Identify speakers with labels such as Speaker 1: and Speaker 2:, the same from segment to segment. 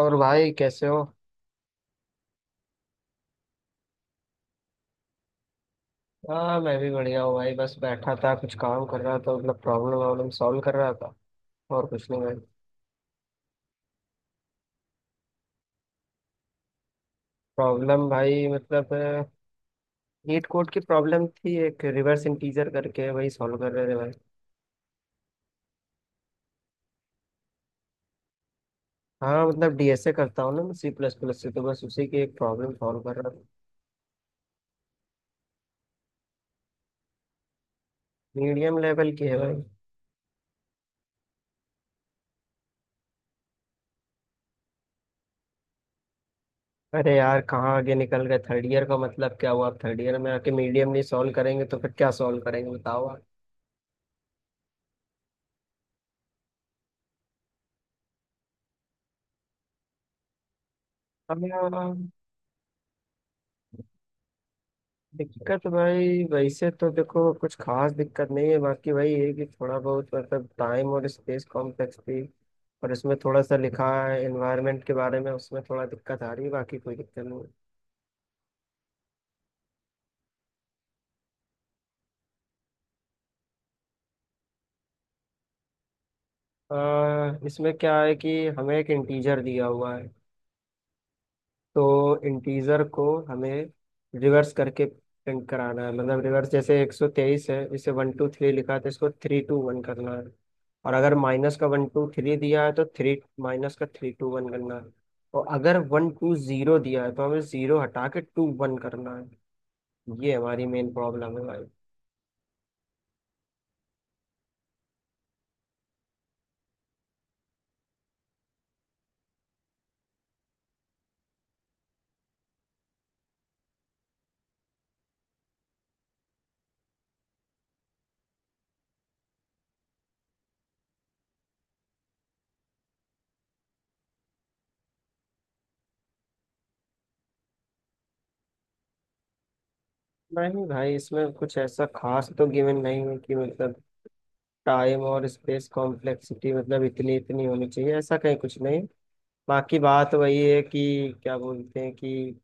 Speaker 1: और भाई कैसे हो। हाँ मैं भी बढ़िया हूँ भाई, बस बैठा था कुछ काम कर रहा था, मतलब प्रॉब्लम वॉब्लम सॉल्व कर रहा था और कुछ नहीं भाई। प्रॉब्लम भाई मतलब नीट कोड की प्रॉब्लम थी, एक रिवर्स इंटीजर करके, वही सॉल्व कर रहे थे भाई। हाँ मतलब डीएसए करता हूँ ना मैं सी प्लस प्लस से, तो बस उसी की एक प्रॉब्लम सॉल्व कर रहा था। मीडियम लेवल की है भाई। अरे यार कहाँ आगे निकल गए, थर्ड ईयर का मतलब क्या हुआ, थर्ड ईयर में आके मीडियम नहीं सॉल्व करेंगे तो फिर क्या सॉल्व करेंगे बताओ आप। हाँ, दिक्कत तो भाई वैसे तो देखो कुछ खास दिक्कत नहीं है, बाकी वही है कि थोड़ा बहुत मतलब टाइम और स्पेस कॉम्प्लेक्स थी। और इसमें थोड़ा सा लिखा है एनवायरनमेंट के बारे में, उसमें थोड़ा दिक्कत आ रही है, बाकी कोई दिक्कत नहीं है। इसमें क्या है कि हमें एक इंटीजर दिया हुआ है, तो इंटीजर को हमें रिवर्स करके प्रिंट कराना है, मतलब रिवर्स जैसे 123 है, इसे वन टू थ्री लिखा है, तो इसको थ्री टू वन करना है। और अगर माइनस का वन टू थ्री दिया है तो थ्री माइनस का थ्री टू वन करना है। और अगर वन टू जीरो दिया है तो हमें जीरो हटा के टू वन करना है। ये हमारी मेन प्रॉब्लम है। भाई नहीं भाई, इसमें कुछ ऐसा खास तो गिवन नहीं है कि मतलब टाइम और स्पेस कॉम्प्लेक्सिटी मतलब इतनी इतनी होनी चाहिए, ऐसा कहीं कुछ नहीं। बाकी बात वही है कि क्या बोलते हैं कि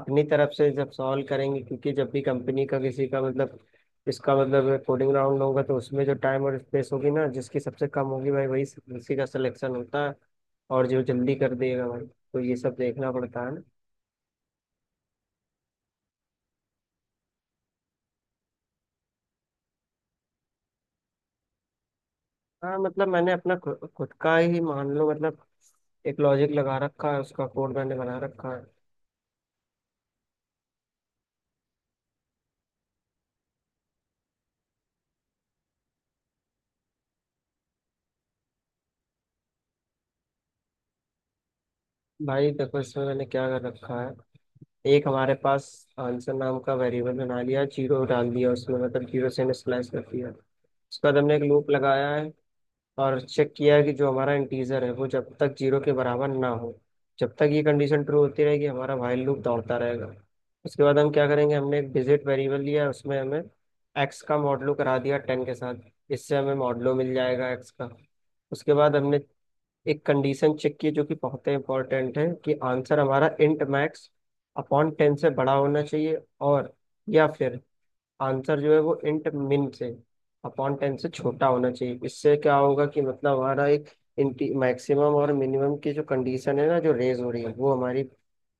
Speaker 1: अपनी तरफ से जब सॉल्व करेंगे, क्योंकि जब भी कंपनी का किसी का मतलब इसका मतलब कोडिंग राउंड होगा तो उसमें जो टाइम और स्पेस होगी ना, जिसकी सबसे कम होगी भाई वही, उसी का सिलेक्शन होता है। और जो जल्दी कर देगा भाई, तो ये सब देखना पड़ता है ना। हाँ मतलब मैंने अपना खुद का ही, मान लो मतलब एक लॉजिक लगा रखा है, उसका कोड मैंने बना रखा है। भाई देखो इसमें मैंने क्या कर रखा है, एक हमारे पास आंसर नाम का वेरिएबल बना लिया, जीरो डाल दिया उसमें, मतलब जीरो से हमने स्लैश कर दिया। उसके बाद हमने एक लूप लगाया है और चेक किया है कि जो हमारा इंटीजर है वो जब तक जीरो के बराबर ना हो, जब तक ये कंडीशन ट्रू होती रहेगी हमारा व्हाइल लूप दौड़ता रहेगा। उसके बाद हम क्या करेंगे, हमने एक डिजिट वेरिएबल लिया है, उसमें हमें एक्स का मॉडलो करा दिया टेन के साथ, इससे हमें मॉडलो मिल जाएगा एक्स का। उसके बाद हमने एक कंडीशन चेक की है जो कि बहुत ही इंपॉर्टेंट है, कि आंसर हमारा इंट मैक्स अपॉन टेन से बड़ा होना चाहिए, और या फिर आंसर जो है वो इंट मिन से अपॉन टेन से छोटा होना चाहिए। इससे क्या होगा कि मतलब हमारा एक इंटी मैक्सिमम और मिनिमम की जो कंडीशन है ना, जो रेज हो रही है वो हमारी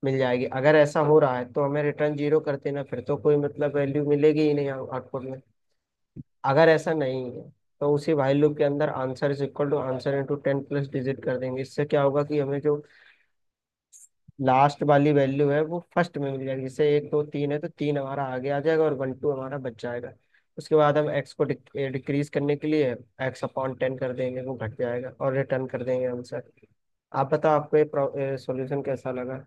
Speaker 1: मिल जाएगी। अगर ऐसा हो रहा है तो हमें रिटर्न जीरो कर देना, फिर तो कोई मतलब वैल्यू मिलेगी ही नहीं आउटपुट में। अगर ऐसा नहीं है तो उसी while लूप के अंदर answer is equal to answer into ten plus digit कर देंगे, इससे क्या होगा कि हमें जो लास्ट वाली वैल्यू है वो फर्स्ट में मिल जाएगी, जैसे एक दो तीन है तो तीन हमारा आगे आ जाएगा और वन टू हमारा बच जाएगा। उसके बाद हम एक्स को डिक्रीज करने के लिए एक्स अपॉन टेन कर देंगे, वो घट जाएगा और रिटर्न कर देंगे आंसर। आप बताओ आपको ये सॉल्यूशन कैसा लगा।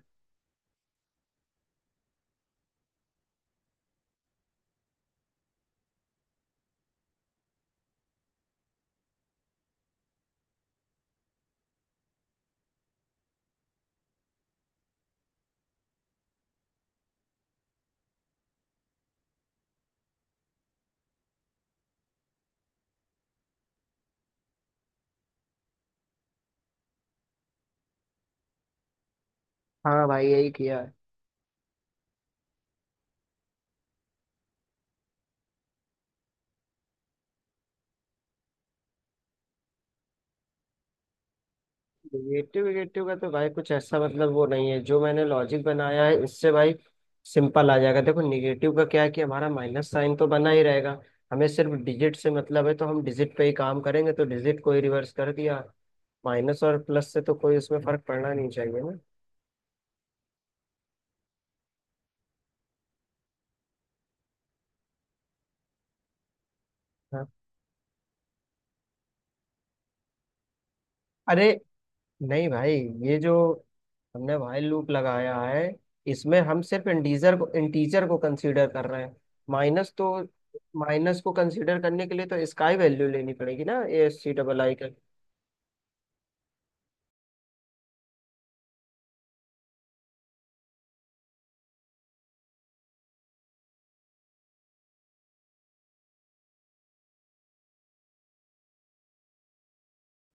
Speaker 1: हाँ भाई यही किया है। निगेटिव निगेटिव का तो भाई कुछ ऐसा मतलब वो नहीं है, जो मैंने लॉजिक बनाया है इससे भाई सिंपल आ जाएगा। देखो निगेटिव का क्या है कि हमारा माइनस साइन तो बना ही रहेगा, हमें सिर्फ डिजिट से मतलब है तो हम डिजिट पे ही काम करेंगे, तो डिजिट को ही रिवर्स कर दिया। माइनस और प्लस से तो कोई उसमें फर्क पड़ना नहीं चाहिए ना। हाँ। अरे नहीं भाई, ये जो हमने भाई लूप लगाया है इसमें हम सिर्फ इंटीजर को कंसीडर कर रहे हैं, माइनस तो माइनस को कंसीडर करने के लिए तो इसकाई वैल्यू लेनी पड़ेगी ना A S C double I का।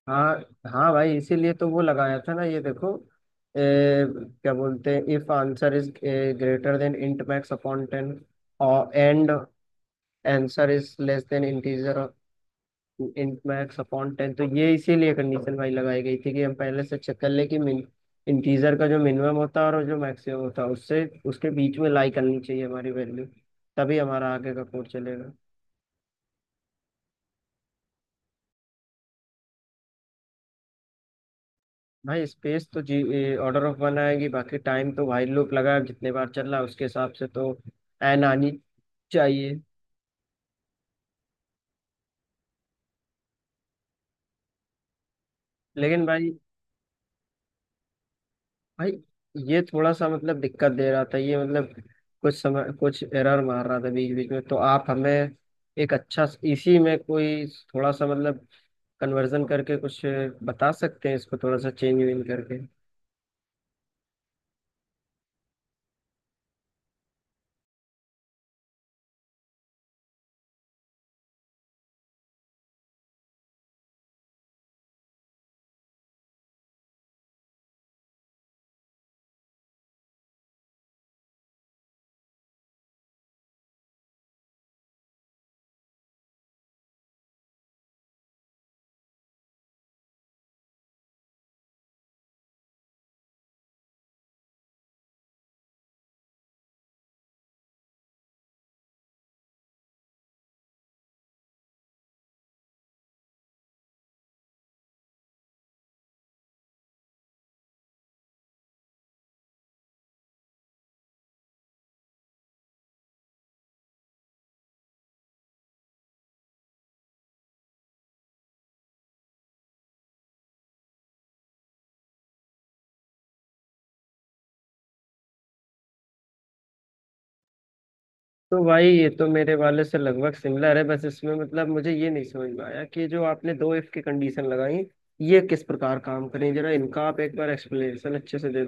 Speaker 1: हाँ हाँ भाई इसीलिए तो वो लगाया था ना, ये देखो, ए, क्या बोलते हैं, if answer is greater than int max upon ten और and answer is less than integer int max upon ten, तो ये इसीलिए कंडीशन भाई लगाई गई थी, कि हम पहले से चेक कर ले कि मिन इंटीजर का जो मिनिमम होता है और जो मैक्सिमम होता है, उससे उसके बीच में लाई करनी चाहिए हमारी वैल्यू, तभी हमारा आगे का कोड चलेगा। भाई स्पेस तो जी ऑर्डर ऑफ वन आएगी, बाकी टाइम तो भाई लूप लगा है, जितने बार चल रहा है उसके हिसाब से तो एन आनी चाहिए। लेकिन भाई, भाई ये थोड़ा सा मतलब दिक्कत दे रहा था, ये मतलब कुछ समय कुछ एरर मार रहा था बीच बीच में, तो आप हमें एक अच्छा इसी में कोई थोड़ा सा मतलब कन्वर्जन करके कुछ बता सकते हैं इसको थोड़ा सा चेंज वेंज करके। तो भाई ये तो मेरे वाले से लगभग सिमिलर है, बस इसमें मतलब मुझे ये नहीं समझ में आया कि जो आपने दो इफ की कंडीशन लगाई, ये किस प्रकार काम करें, जरा इनका आप एक बार एक्सप्लेनेशन अच्छे से दे।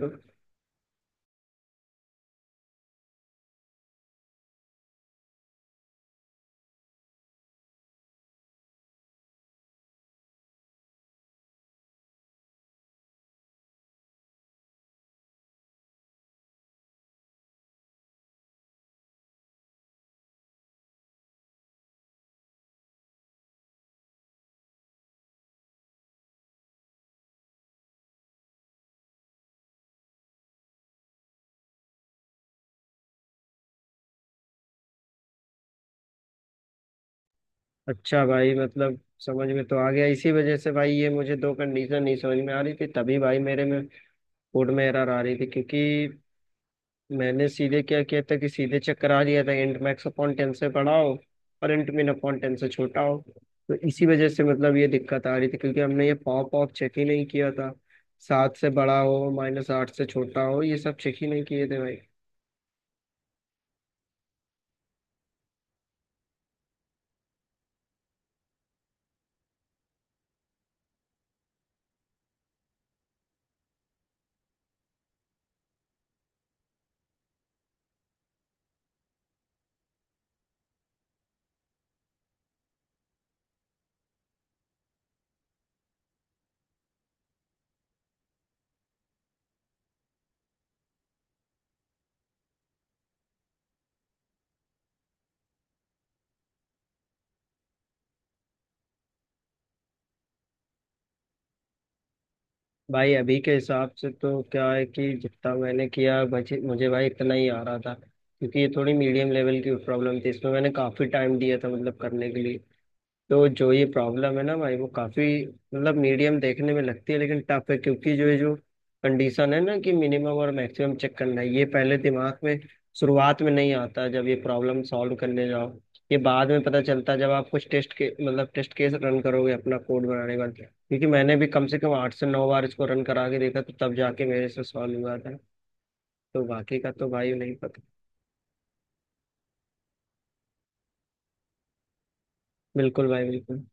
Speaker 1: अच्छा भाई मतलब समझ में तो आ गया, इसी वजह से भाई ये मुझे दो कंडीशन नहीं समझ में आ रही थी, तभी भाई मेरे में कोड में एरर आ रही थी, क्योंकि मैंने सीधे क्या किया था कि सीधे चेक करा लिया था इंट मैक्स अपॉन टेन से बड़ा हो और इंट मिन अपॉन टेन से छोटा हो। तो इसी वजह से मतलब ये दिक्कत आ रही थी, क्योंकि हमने ये पॉप ऑफ चेक ही नहीं किया था, सात से बड़ा हो माइनस आठ से छोटा हो, ये सब चेक ही नहीं किए थे भाई। भाई अभी के हिसाब से तो क्या है कि जितना मैंने किया बचे मुझे भाई इतना ही आ रहा था, क्योंकि ये थोड़ी मीडियम लेवल की प्रॉब्लम थी, इसमें मैंने काफ़ी टाइम दिया था मतलब करने के लिए। तो जो ये प्रॉब्लम है ना भाई, वो काफी मतलब मीडियम देखने में लगती है लेकिन टफ है, क्योंकि जो ये जो कंडीशन है ना कि मिनिमम और मैक्सिमम चेक करना है, ये पहले दिमाग में शुरुआत में नहीं आता जब ये प्रॉब्लम सॉल्व करने जाओ, ये बाद में पता चलता है जब आप कुछ टेस्ट के मतलब टेस्ट केस रन करोगे अपना कोड बनाने के बाद, क्योंकि मैंने भी कम से कम आठ से नौ बार इसको रन करा के देखा, तो तब जाके मेरे से सॉल्व हुआ था। तो बाकी का तो भाई नहीं पता। बिल्कुल भाई बिल्कुल।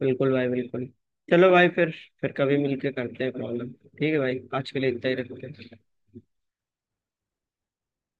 Speaker 1: बिल्कुल भाई बिल्कुल। चलो भाई फिर कभी मिलके करते हैं प्रॉब्लम। ठीक है भाई, आज के लिए इतना ही रखते हैं।